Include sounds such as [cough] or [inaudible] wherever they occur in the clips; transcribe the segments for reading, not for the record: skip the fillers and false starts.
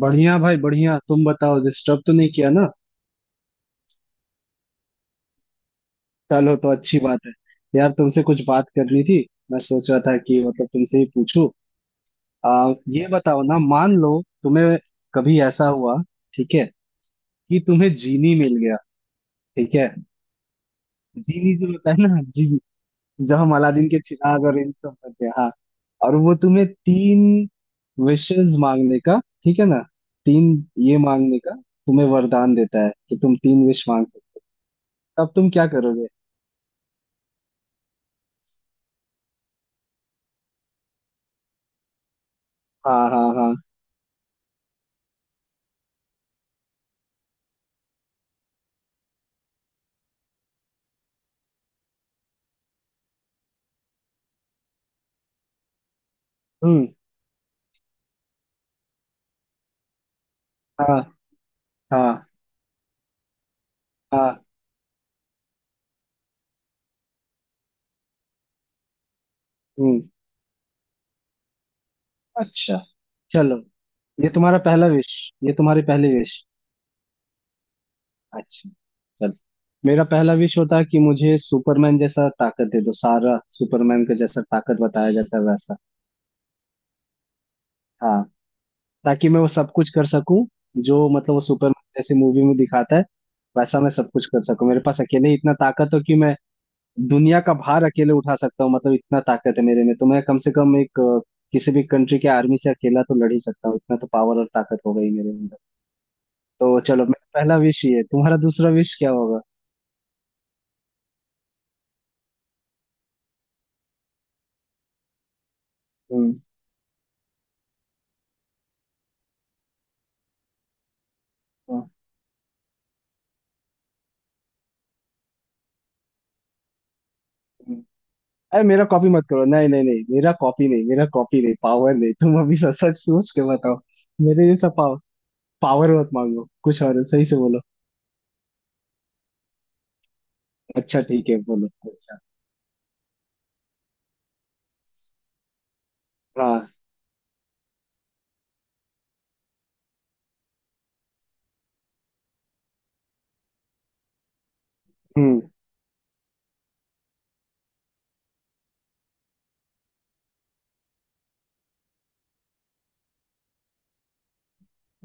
बढ़िया भाई बढ़िया। तुम बताओ, डिस्टर्ब तो नहीं किया ना? चलो तो अच्छी बात है। यार तुमसे कुछ बात करनी थी। मैं सोच रहा था कि मतलब तुमसे ही पूछूं। ये बताओ ना, मान लो तुम्हें कभी ऐसा हुआ, ठीक है, कि तुम्हें जीनी मिल गया। ठीक है, जीनी जो होता है ना, जीनी जो हम अलादीन के चिराग और इन सब करते हैं हाँ। और वो तुम्हें 3 विशेष मांगने का, ठीक है ना, 3 ये मांगने का, तुम्हें वरदान देता है कि तुम 3 विश मांग सकते हो। तब तुम क्या करोगे? हाँ हाँ हाँ। हम्म। हाँ हाँ हाँ। हम्म अच्छा चलो, ये तुम्हारा पहला विश, ये तुम्हारी पहली विश। अच्छा चलो, मेरा पहला विश होता है कि मुझे सुपरमैन जैसा ताकत दे दो, सारा सुपरमैन का जैसा ताकत बताया जाता है वैसा। हाँ, ताकि मैं वो सब कुछ कर सकूं जो मतलब वो सुपरमैन जैसे मूवी में दिखाता है, वैसा मैं सब कुछ कर सकूं, मेरे पास अकेले ही इतना ताकत हो कि मैं दुनिया का भार अकेले उठा सकता हूँ, मतलब इतना ताकत है मेरे में तो मैं कम से कम एक किसी भी कंट्री के आर्मी से अकेला तो लड़ ही सकता हूँ, इतना तो पावर और ताकत हो गई मेरे अंदर। तो चलो मेरा पहला विश ये है। तुम्हारा दूसरा विश क्या होगा? हम्म। हाँ। हम्म। अरे मेरा कॉपी मत करो, नहीं नहीं नहीं, मेरा कॉपी नहीं, मेरा कॉपी नहीं पावर नहीं, तुम अभी सच सच सोच के बताओ, मेरे जैसा पावर, पावर मत मांगो, कुछ और है, सही से बोलो। अच्छा ठीक है बोलो, अच्छा। हाँ। हम्म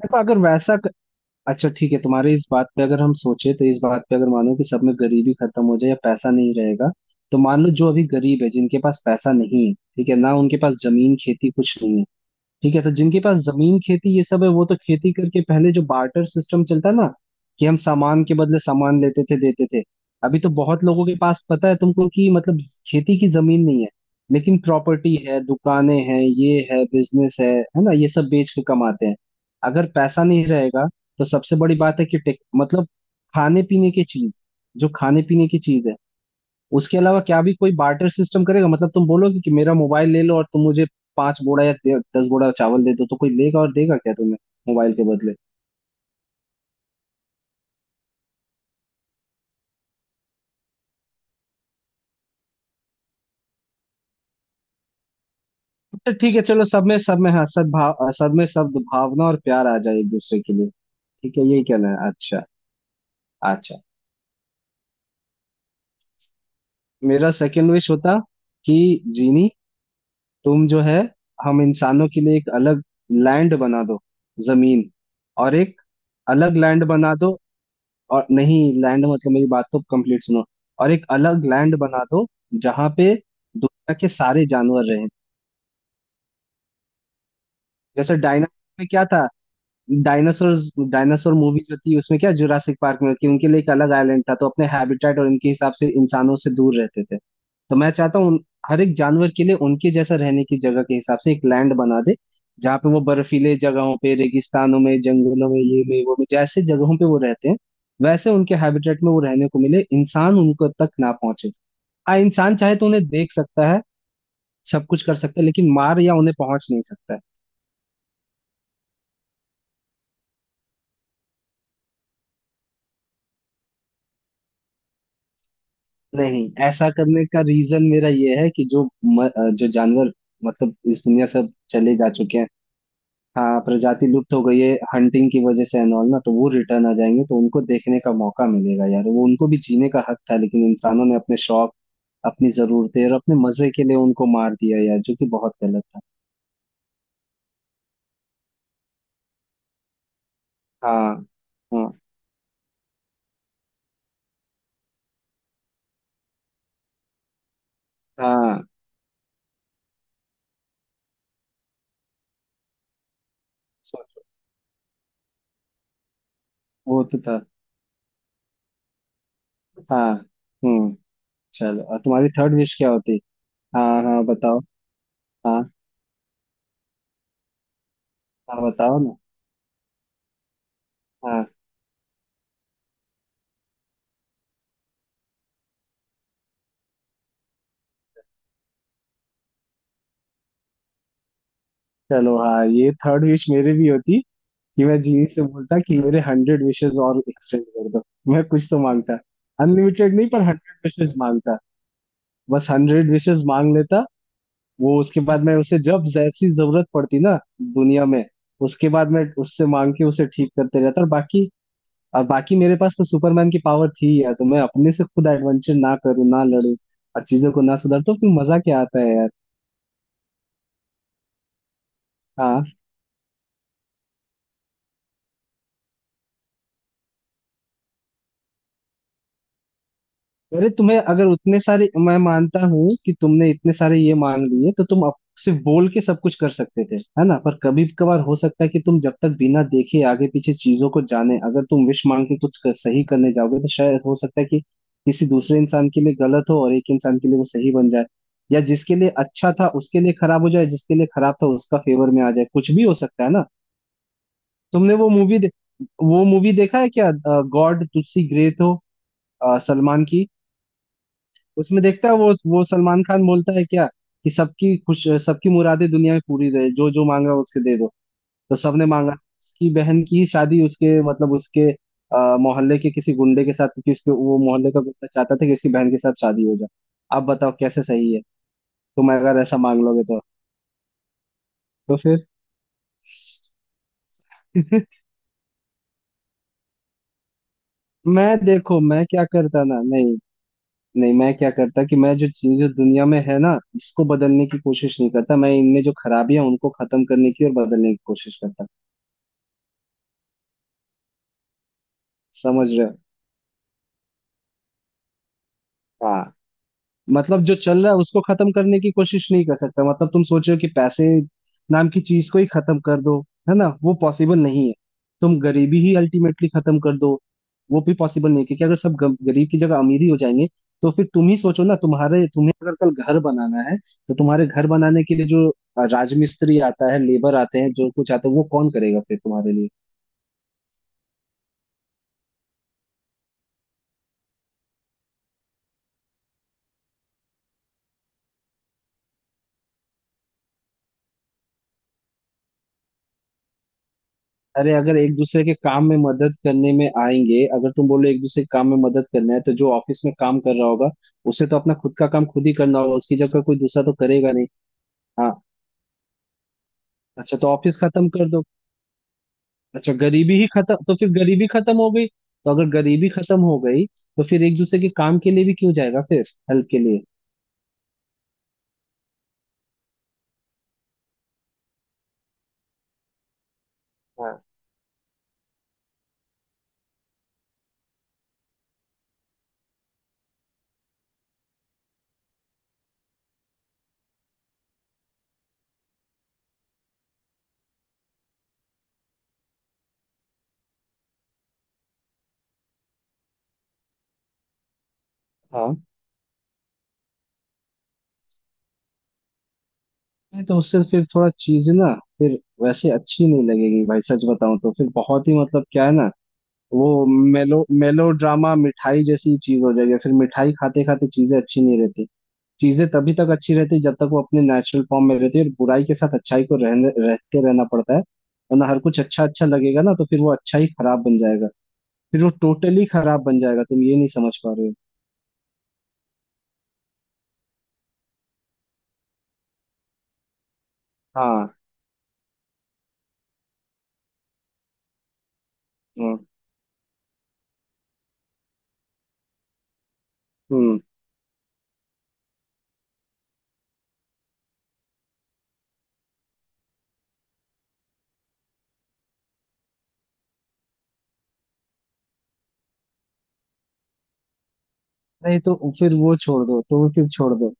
देखो अगर वैसा, अच्छा ठीक है तुम्हारे इस बात पे अगर हम सोचे, तो इस बात पे अगर मानो कि सब में गरीबी खत्म हो जाए या पैसा नहीं रहेगा, तो मान लो जो अभी गरीब है, जिनके पास पैसा नहीं है, ठीक है ना, उनके पास जमीन खेती कुछ नहीं है। ठीक है, तो जिनके पास जमीन खेती ये सब है, वो तो खेती करके पहले जो बार्टर सिस्टम चलता ना, कि हम सामान के बदले सामान लेते थे देते थे। अभी तो बहुत लोगों के पास पता है तुमको कि मतलब खेती की जमीन नहीं है, लेकिन प्रॉपर्टी है, दुकानें हैं, ये है, बिजनेस है ना, ये सब बेच के कमाते हैं। अगर पैसा नहीं रहेगा, तो सबसे बड़ी बात है कि मतलब खाने पीने की चीज, जो खाने पीने की चीज है उसके अलावा क्या भी कोई बार्टर सिस्टम करेगा? मतलब तुम बोलोगे कि मेरा मोबाइल ले लो और तुम मुझे 5 बोरा या 10 बोरा चावल दे दो, तो कोई लेगा और देगा क्या तुम्हें मोबाइल के बदले? तो ठीक है चलो, सब में, सब में हाँ सद्भाव, सब में सद्भावना और प्यार आ जाए एक दूसरे के लिए। ठीक है यही कहना है, अच्छा। अच्छा, मेरा सेकंड विश होता कि जीनी तुम जो है हम इंसानों के लिए एक अलग लैंड बना दो, जमीन, और एक अलग लैंड बना दो। और नहीं, लैंड मतलब मेरी बात तो कंप्लीट सुनो। और एक अलग लैंड बना दो जहां पे दुनिया के सारे जानवर रहे। जैसे डायनासोर में क्या था, डायनासोर, डायनासोर मूवी जो थी उसमें क्या, जुरासिक पार्क में थी, उनके लिए एक अलग आइलैंड था, तो अपने हैबिटेट और उनके हिसाब से इंसानों से दूर रहते थे। तो मैं चाहता हूँ हर एक जानवर के लिए उनके जैसा रहने की जगह के हिसाब से एक लैंड बना दे, जहाँ पे वो बर्फीले जगहों पे, रेगिस्तानों में, जंगलों में, ये में वो में जैसे जगहों पे वो रहते हैं, वैसे उनके हैबिटेट में वो रहने को मिले, इंसान उनको तक ना पहुंचे। हाँ, इंसान चाहे तो उन्हें देख सकता है, सब कुछ कर सकता है, लेकिन मार या उन्हें पहुंच नहीं सकता है। नहीं, ऐसा करने का रीजन मेरा ये है कि जो जो जानवर मतलब इस दुनिया से अब चले जा चुके हैं, हाँ प्रजाति लुप्त हो गई है हंटिंग की वजह से एंड ऑल ना, तो वो रिटर्न आ जाएंगे तो उनको देखने का मौका मिलेगा यार। वो उनको भी जीने का हक था, लेकिन इंसानों ने अपने शौक, अपनी जरूरतें और अपने मजे के लिए उनको मार दिया यार, जो कि बहुत गलत था। हाँ हाँ हाँ। सोचो, वो तो था। हाँ। हम्म चलो और तुम्हारी थर्ड विश क्या होती? हाँ हाँ बताओ, हाँ हाँ बताओ ना। हाँ, चलो हाँ, ये थर्ड विश मेरे भी होती कि मैं जीनी से बोलता कि मेरे 100 विशेस और एक्सटेंड कर दो, मैं कुछ तो मांगता, अनलिमिटेड नहीं पर 100 विशेस मांगता, बस 100 विशेस मांग लेता। वो उसके बाद मैं उसे जब जैसी जरूरत पड़ती ना दुनिया में, उसके बाद मैं उससे मांग के उसे ठीक करते रहता। और बाकी, और बाकी मेरे पास तो सुपरमैन की पावर थी यार, तो मैं अपने से खुद एडवेंचर ना करूँ, ना लड़ू और चीजों को ना सुधार, तो फिर मजा क्या आता है यार? हाँ? अरे तुम्हें अगर उतने सारे, मैं मानता हूँ कि तुमने इतने सारे ये मान लिए तो तुम सिर्फ बोल के सब कुछ कर सकते थे, है ना, पर कभी कभार हो सकता है कि तुम जब तक बिना देखे आगे पीछे चीजों को जाने, अगर तुम विश मांग के कुछ कर, सही करने जाओगे, तो शायद हो सकता है कि किसी दूसरे इंसान के लिए गलत हो और एक इंसान के लिए वो सही बन जाए, या जिसके लिए अच्छा था उसके लिए खराब हो जाए, जिसके लिए खराब था उसका फेवर में आ जाए, कुछ भी हो सकता है ना। तुमने वो मूवी वो मूवी देखा है क्या, गॉड तुसी ग्रेट हो, सलमान की? उसमें देखता है, वो सलमान खान बोलता है क्या कि सबकी खुश, सबकी मुरादें दुनिया में पूरी रहे, जो जो मांगा उसके दे दो। तो सबने मांगा उसकी बहन की शादी उसके मतलब उसके मोहल्ले के किसी गुंडे के साथ, क्योंकि उसके वो मोहल्ले का गुंडा चाहता था कि उसकी बहन के साथ शादी हो जाए। आप बताओ कैसे सही है, तुम अगर ऐसा मांग लोगे तो? तो फिर [laughs] मैं देखो मैं क्या करता ना, नहीं, नहीं मैं क्या करता कि मैं जो चीजें दुनिया में है ना इसको बदलने की कोशिश नहीं करता, मैं इनमें जो खराबियां उनको खत्म करने की और बदलने की कोशिश करता, समझ रहे हो? हाँ, मतलब जो चल रहा है उसको खत्म करने की कोशिश नहीं कर सकता। मतलब तुम सोचो कि पैसे नाम की चीज को ही खत्म कर दो, है ना वो पॉसिबल नहीं है। तुम गरीबी ही अल्टीमेटली खत्म कर दो, वो भी पॉसिबल नहीं है, क्योंकि अगर सब गरीब की जगह अमीर ही हो जाएंगे तो फिर तुम ही सोचो ना, तुम्हारे तुम्हें अगर कल घर बनाना है, तो तुम्हारे घर बनाने के लिए जो राजमिस्त्री आता है, लेबर आते हैं, जो कुछ आता है, वो कौन करेगा फिर तुम्हारे लिए? अरे अगर एक दूसरे के काम में मदद करने में आएंगे, अगर तुम बोलो एक दूसरे के काम में मदद करना है, तो जो ऑफिस में काम कर रहा होगा उसे तो अपना खुद का काम खुद ही करना होगा, उसकी जगह कोई दूसरा तो करेगा नहीं। हाँ, अच्छा तो ऑफिस खत्म कर दो, अच्छा गरीबी ही खत्म, तो फिर गरीबी खत्म हो गई, तो अगर गरीबी खत्म हो गई तो फिर एक दूसरे के काम के लिए भी क्यों जाएगा फिर? हेल्प के लिए। हाँ हाँ। नहीं तो उससे फिर थोड़ा चीज ना, फिर वैसे अच्छी नहीं लगेगी भाई सच बताऊं तो, फिर बहुत ही मतलब क्या है ना, वो मेलो मेलो ड्रामा मिठाई जैसी चीज हो जाएगी, फिर मिठाई खाते खाते चीजें अच्छी नहीं रहती। चीजें तभी तक अच्छी रहती जब तक वो अपने नेचुरल फॉर्म में रहती है, और बुराई के साथ अच्छाई को रहने रहते रहना पड़ता है, वरना हर कुछ अच्छा अच्छा लगेगा ना, तो फिर वो अच्छा ही खराब बन जाएगा, फिर वो टोटली खराब बन जाएगा, तुम ये नहीं समझ पा रहे हो। हाँ। हाँ। हम्म नहीं तो फिर वो छोड़ दो, तो फिर छोड़ दो।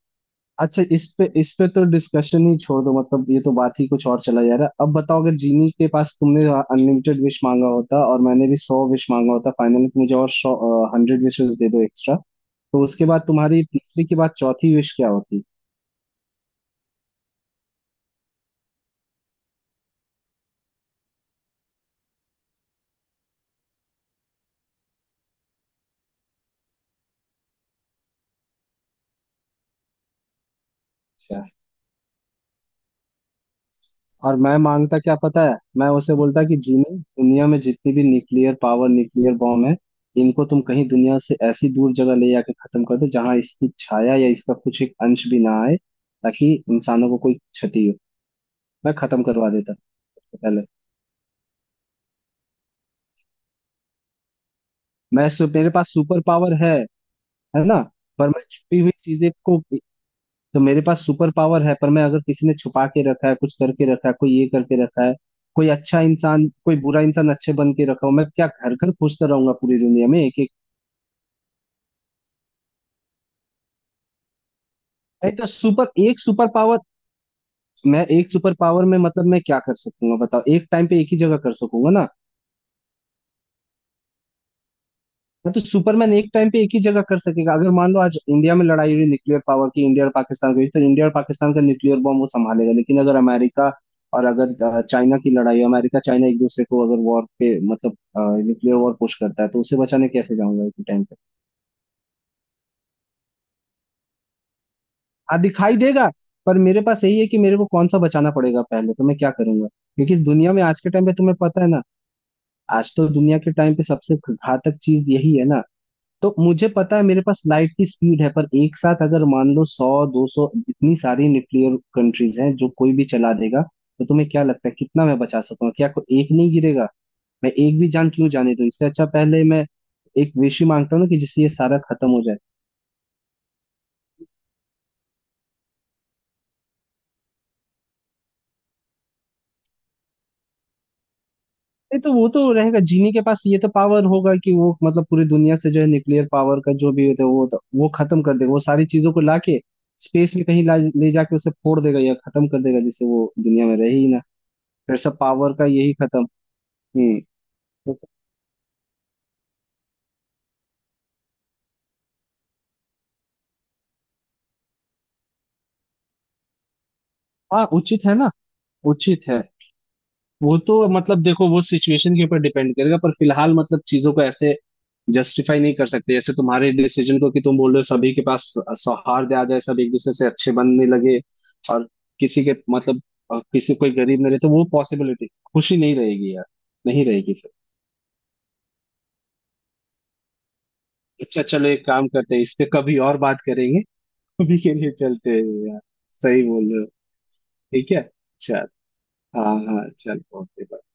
अच्छा, इस पे, इस पे तो डिस्कशन ही छोड़ दो, मतलब ये तो बात ही कुछ और चला जा रहा है। अब बताओ, अगर जीनी के पास तुमने अनलिमिटेड विश मांगा होता और मैंने भी 100 विश मांगा होता, फाइनली तुम मुझे और 100 हंड्रेड विशेस दे दो एक्स्ट्रा, तो उसके बाद तुम्हारी तीसरी के बाद चौथी विश क्या होती? अच्छा, और मैं मांगता क्या पता है, मैं उसे बोलता कि जीनी, दुनिया में जितनी भी न्यूक्लियर पावर, न्यूक्लियर बॉम्ब है, इनको तुम कहीं दुनिया से ऐसी दूर जगह ले जाके खत्म कर दो, जहां इसकी छाया या इसका कुछ एक अंश भी ना आए, ताकि इंसानों को कोई क्षति, मैं खत्म करवा देता सबसे पहले। मेरे पास सुपर पावर है ना, पर मैं छुपी हुई चीजें को, तो मेरे पास सुपर पावर है, पर मैं अगर किसी ने छुपा के रखा है, कुछ करके रखा है, कोई ये करके रखा है, कोई अच्छा इंसान कोई बुरा इंसान अच्छे बन के रखा हो, मैं क्या घर घर खोजता रहूंगा पूरी दुनिया में एक एक? नहीं तो सुपर एक सुपर पावर, मैं एक सुपर पावर में मतलब मैं क्या कर सकूंगा बताओ, एक टाइम पे एक ही जगह कर सकूंगा ना। हाँ, तो सुपरमैन एक टाइम पे एक ही जगह कर सकेगा, अगर मान लो आज इंडिया में लड़ाई हो रही न्यूक्लियर पावर की, इंडिया और पाकिस्तान की, तो इंडिया और पाकिस्तान का न्यूक्लियर बॉम्ब वो संभालेगा, लेकिन अगर अमेरिका और अगर चाइना की लड़ाई हो, अमेरिका चाइना एक दूसरे को अगर वॉर पे, मतलब न्यूक्लियर वॉर पुश करता है, तो उसे बचाने कैसे जाऊंगा एक टाइम पे? हाँ दिखाई देगा, पर मेरे पास यही है कि मेरे को कौन सा बचाना पड़ेगा पहले, तो मैं क्या करूंगा, क्योंकि इस दुनिया में आज के टाइम पे तुम्हें पता है ना, आज तो दुनिया के टाइम पे सबसे घातक चीज यही है ना, तो मुझे पता है मेरे पास लाइट की स्पीड है, पर एक साथ अगर मान लो 100-200 इतनी सारी न्यूक्लियर कंट्रीज हैं जो कोई भी चला देगा, तो तुम्हें क्या लगता है कितना मैं बचा सकूंगा? क्या को एक नहीं गिरेगा? मैं एक भी जान क्यों जाने दूं, इससे अच्छा पहले मैं एक विश ही मांगता हूँ ना कि जिससे ये सारा खत्म हो जाए। नहीं तो वो तो रहेगा, जीनी के पास ये तो पावर होगा कि वो मतलब पूरी दुनिया से जो है न्यूक्लियर पावर का जो भी होता है वो तो, वो खत्म कर देगा, वो सारी चीजों को लाके स्पेस में कहीं ले जाके उसे फोड़ देगा या खत्म कर देगा, जिससे वो दुनिया में रहे ही ना। फिर सब पावर का यही खत्म। हम्म। हाँ उचित है ना, उचित है, वो तो मतलब देखो, वो सिचुएशन के ऊपर डिपेंड करेगा, पर फिलहाल मतलब चीजों को ऐसे जस्टिफाई नहीं कर सकते, जैसे तुम्हारे डिसीजन को, कि तुम बोल रहे हो सभी के पास सौहार्द आ जाए, सब एक दूसरे से अच्छे बनने लगे और किसी के मतलब किसी कोई गरीब ना रहे, तो वो पॉसिबिलिटी खुशी नहीं रहेगी यार, नहीं रहेगी फिर। अच्छा चलो एक काम करते हैं, इस पे कभी और बात करेंगे, अभी के लिए चलते हैं यार। सही बोल रहे हो, ठीक है अच्छा, हाँ हाँ चल ओके।